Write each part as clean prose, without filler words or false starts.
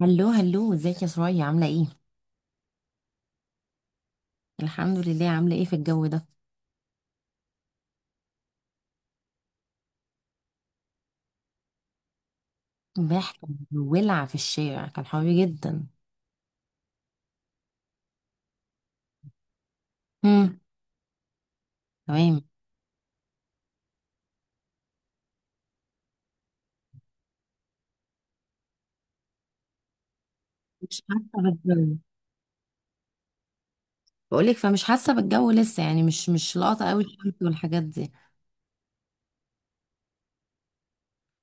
هلو هلو، ازيك يا سرايا؟ عاملة ايه؟ الحمد لله، عاملة ايه في الجو ده؟ امبارح كان ولع في الشارع، كان حر جدا. هم، تمام. مش حاسة بالجو. بقولك فمش حاسة بالجو لسه، يعني مش لاقطة قوي الشمس والحاجات دي.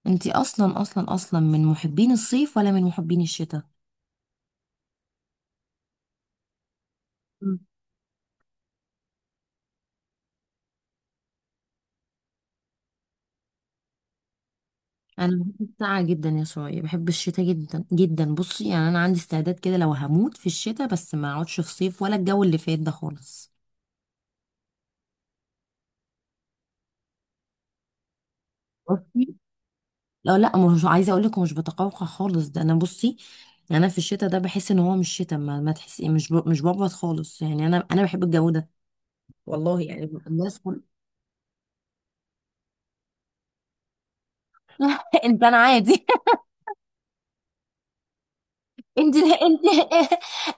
انتي اصلا من محبين الصيف ولا من محبين الشتاء؟ مم. انا بحب السقعة جدا يا سرايا، بحب الشتاء جدا جدا. بصي يعني انا عندي استعداد كده لو هموت في الشتاء بس ما اقعدش في صيف ولا الجو اللي فات ده خالص. لا لا، مش عايزه اقول لك مش بتقوقع خالص، ده انا بصي انا في الشتاء ده بحس ان هو مش شتاء. ما تحسي مش بقبض خالص، يعني انا بحب الجو ده. والله يعني الناس كل انت انا عادي انت انت.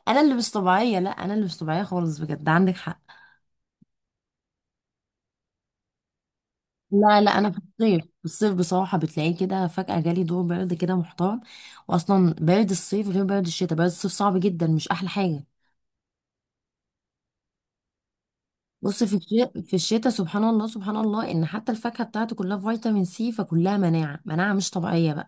انا اللي مش طبيعيه، لا انا اللي مش طبيعيه خالص بجد، عندك حق. لا لا، انا في الصيف، في الصيف بصراحه بتلاقيه كده فجاه جالي دور برد كده محترم. واصلا برد الصيف غير برد الشتاء، برد الصيف صعب جدا، مش احلى حاجه. بص، في الشتاء، في الشتاء سبحان الله سبحان الله ان حتى الفاكهه بتاعته كلها فيتامين سي، فكلها مناعه، مناعه مش طبيعيه بقى.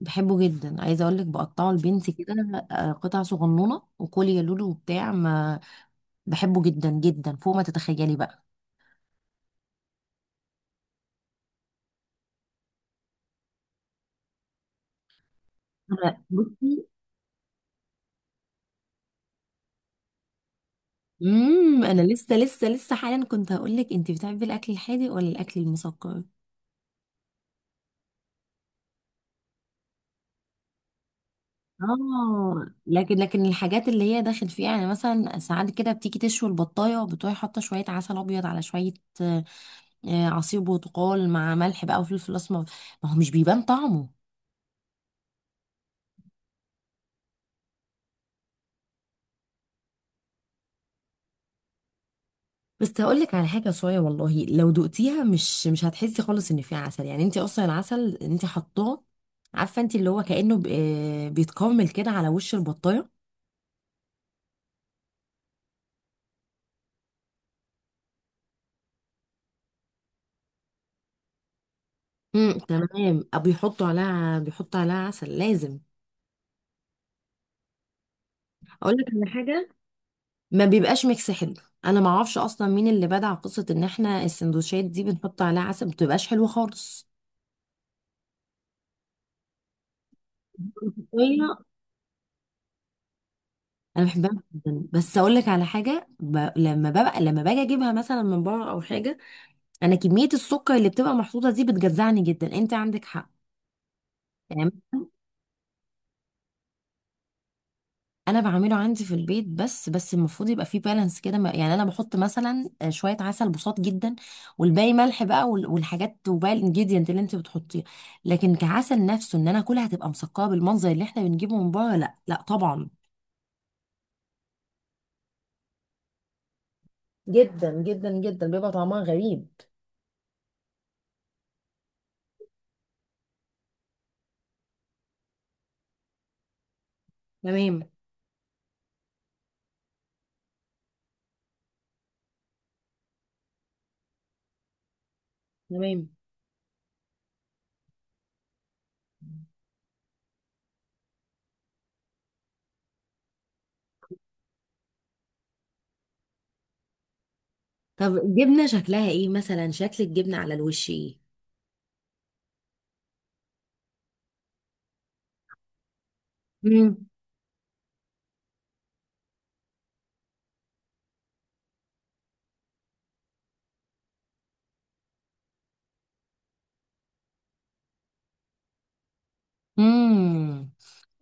بحبه جدا، عايزه اقول لك بقطعه لبنتي كده آه، قطع صغنونه وكل يا لولو وبتاع ما. بحبه جدا جدا فوق ما تتخيلي بقى. بصي، انا لسه حالا كنت هقول لك، انت بتحبي الاكل الحادق ولا الاكل المسكر؟ اه لكن الحاجات اللي هي داخل فيها، يعني مثلا ساعات كده بتيجي تشوي البطايه وبتروحي حاطه شويه عسل ابيض على شويه آه، عصير برتقال مع ملح بقى وفلفل اسمر. ما هو مش بيبان طعمه. بس هقول لك على حاجه صويا، والله لو دقتيها مش هتحسي خالص ان فيها عسل، يعني انت اصلا العسل انت حطاه. عارفه انت اللي هو كانه آه، بيتكرمل كده على وش البطايه. تمام، أو بيحطوا عليها، بيحطوا عليها عسل لازم. اقول لك على حاجه، ما بيبقاش ميكس حلو. انا ما اعرفش اصلا مين اللي بدع قصه ان احنا السندوتشات دي بنحط عليها عسل، ما بتبقاش حلوه خالص. انا بحبها جدا، بس اقول لك على حاجه لما ببقى، لما باجي اجيبها مثلا من بره او حاجه، انا كميه السكر اللي بتبقى محطوطه دي بتجزعني جدا، انت عندك حق يعني. انا بعمله عندي في البيت، بس المفروض يبقى فيه بالانس كده يعني انا بحط مثلا آه، شويه عسل بساط جدا، والباقي ملح بقى والحاجات وباقي الانجيديانت اللي انت بتحطيه. لكن كعسل نفسه ان انا اكلها هتبقى مسكره بالمنظر اللي احنا بنجيبه من بره، لا لا طبعا. جدا جدا جدا بيبقى طعمها غريب. تمام تمام. طب الجبنة شكلها ايه، مثلا شكل الجبنة على الوش ايه؟ مم. مم.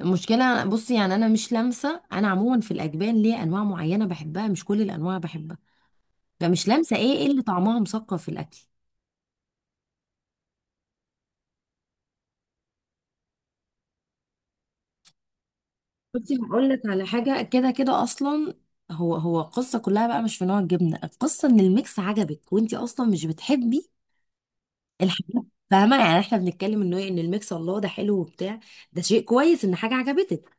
المشكلة بصي يعني أنا مش لامسة، أنا عموما في الأجبان ليه أنواع معينة بحبها مش كل الأنواع بحبها، فمش لامسة إيه إيه اللي طعمها مسكر في الأكل. بصي هقول لك على حاجة، كده كده أصلا هو هو القصة كلها بقى مش في نوع الجبنة، القصة إن الميكس عجبك، وأنتي أصلا مش بتحبي الحاجات. فاهمة يعني إحنا بنتكلم إنه إيه، إن الميكس الله ده حلو وبتاع، ده شيء كويس إن حاجة عجبتك.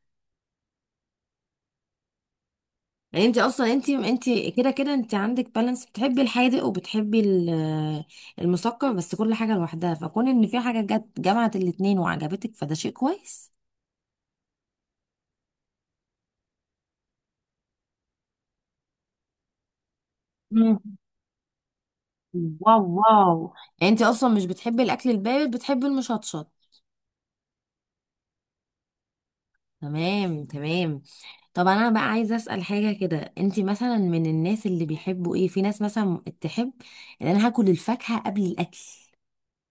يعني انت اصلا انت كده كده انت عندك بالانس، بتحبي الحادق وبتحبي المسكر بس كل حاجه لوحدها، فكون ان في حاجه جت جمعت الاتنين وعجبتك فده شيء كويس. مم. واو واو. يعني انت اصلا مش بتحبي الاكل البارد، بتحبي المشطشط. تمام تمام. طب انا بقى عايزه اسال حاجه كده، انت مثلا من الناس اللي بيحبوا ايه، في ناس مثلا تحب ان انا هاكل الفاكهه قبل الاكل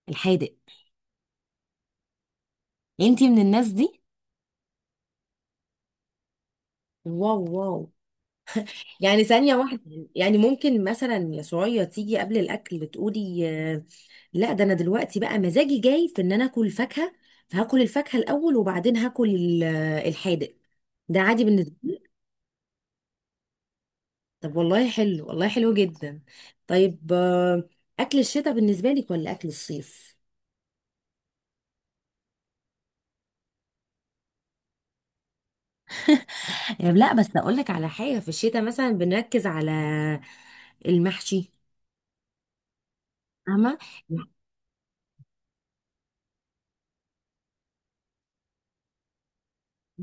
الحادق، انت من الناس دي؟ واو واو. يعني ثانية واحدة، يعني ممكن مثلا يا سعية تيجي قبل الأكل تقولي آه، لا ده أنا دلوقتي بقى مزاجي جاي في إن أنا آكل فاكهة، فهاكل الفاكهة الأول وبعدين هاكل آه، الحادق. ده عادي بالنسبة لي. طب والله حلو، والله حلو جدا. طيب آه، أكل الشتاء بالنسبة لك ولا أكل الصيف؟ يعني لا بس أقول لك على حاجة، في الشتاء مثلا بنركز على المحشي، فاهمة.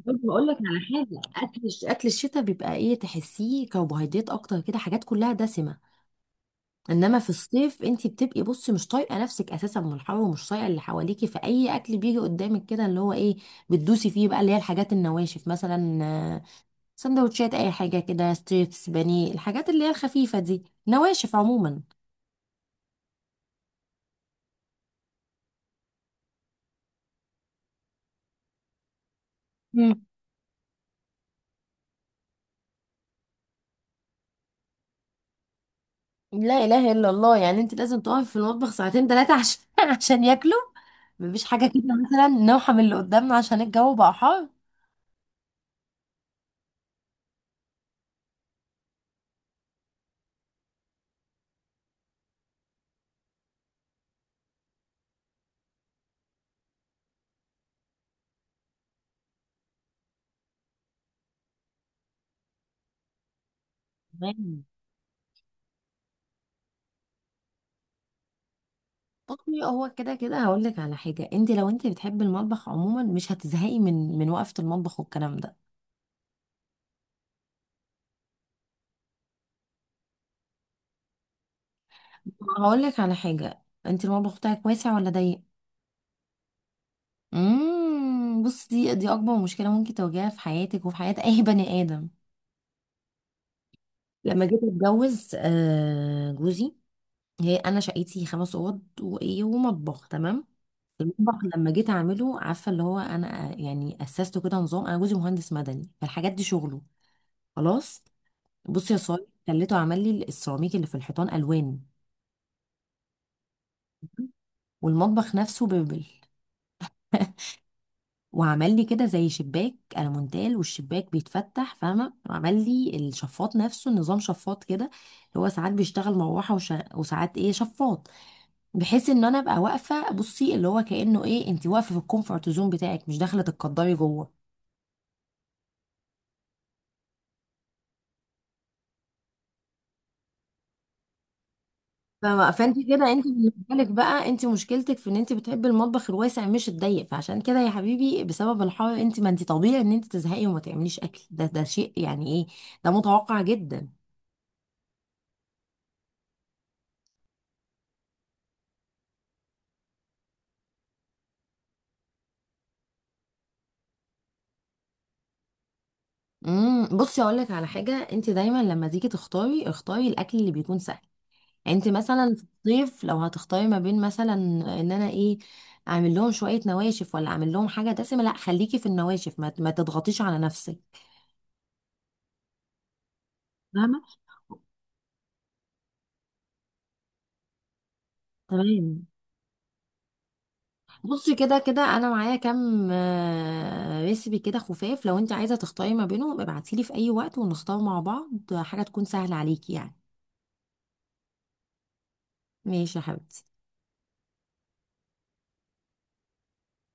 برضه اقول لك على حاجه، اكل الشتاء بيبقى ايه، تحسيه كربوهيدرات اكتر كده، حاجات كلها دسمه. انما في الصيف انت بتبقي بصي مش طايقه نفسك اساسا من الحر، ومش طايقه اللي حواليكي، فاي اكل بيجي قدامك كده اللي هو ايه، بتدوسي فيه بقى، اللي هي الحاجات النواشف مثلا آه، سندوتشات، اي حاجه كده، ستريبس، بانيه، الحاجات اللي هي الخفيفه دي، نواشف عموما. مم. لا اله الا الله، يعني انت لازم تقفي في المطبخ ساعتين 3 عشان عشان ياكلوا؟ مفيش حاجه كده مثلا نوحة من اللي قدامنا عشان الجو بقى حار. تمام. طبيعي، هو كده كده هقول لك على حاجه، انت لو انت بتحبي المطبخ عموما مش هتزهقي من وقفه المطبخ والكلام ده. هقول لك على حاجه، انت المطبخ بتاعك واسع ولا ضيق؟ امم، بص، دي اكبر مشكله ممكن تواجهها في حياتك وفي حياه اي بني ادم. لما جيت اتجوز آه جوزي، هي انا شقتي 5 اوض وايه ومطبخ تمام. المطبخ لما جيت اعمله، عارفه اللي هو انا آه، يعني اسسته كده نظام، انا جوزي مهندس مدني، فالحاجات دي شغله، خلاص. بصي يا صاحبي، خليته عمل لي السيراميك اللي في الحيطان الوان، والمطبخ نفسه بيبل. وعمل لي كده زي شباك المونتال، والشباك بيتفتح فاهمه، وعمل لي الشفاط نفسه نظام شفاط كده اللي هو ساعات بيشتغل مروحه وساعات ايه شفاط، بحيث ان انا ابقى واقفه بصي اللي هو كانه ايه انت واقفه في الكومفورت زون بتاعك، مش داخله تتقدري جوه. فانت كده انت بالنسبه لك بقى انت مشكلتك في ان انت بتحبي المطبخ الواسع مش الضيق، فعشان كده يا حبيبي بسبب الحر، انت ما انت طبيعي ان انت تزهقي وما تعمليش اكل، ده شيء يعني ايه، ده متوقع جدا. بصي اقول لك على حاجه، انت دايما لما تيجي تختاري اختاري الاكل اللي بيكون سهل. يعني انت مثلا في الصيف لو هتختاري ما بين مثلا ان انا ايه، اعمل لهم شويه نواشف ولا اعمل لهم حاجه دسمه، لا خليكي في النواشف، ما تضغطيش على نفسك. فاهمه. تمام. بصي كده كده انا معايا كام آه، ريسبي كده خفاف، لو انت عايزه تختاري ما بينهم ابعتيلي في اي وقت ونختار مع بعض حاجه تكون سهله عليكي يعني. ماشي يا حبيبتي.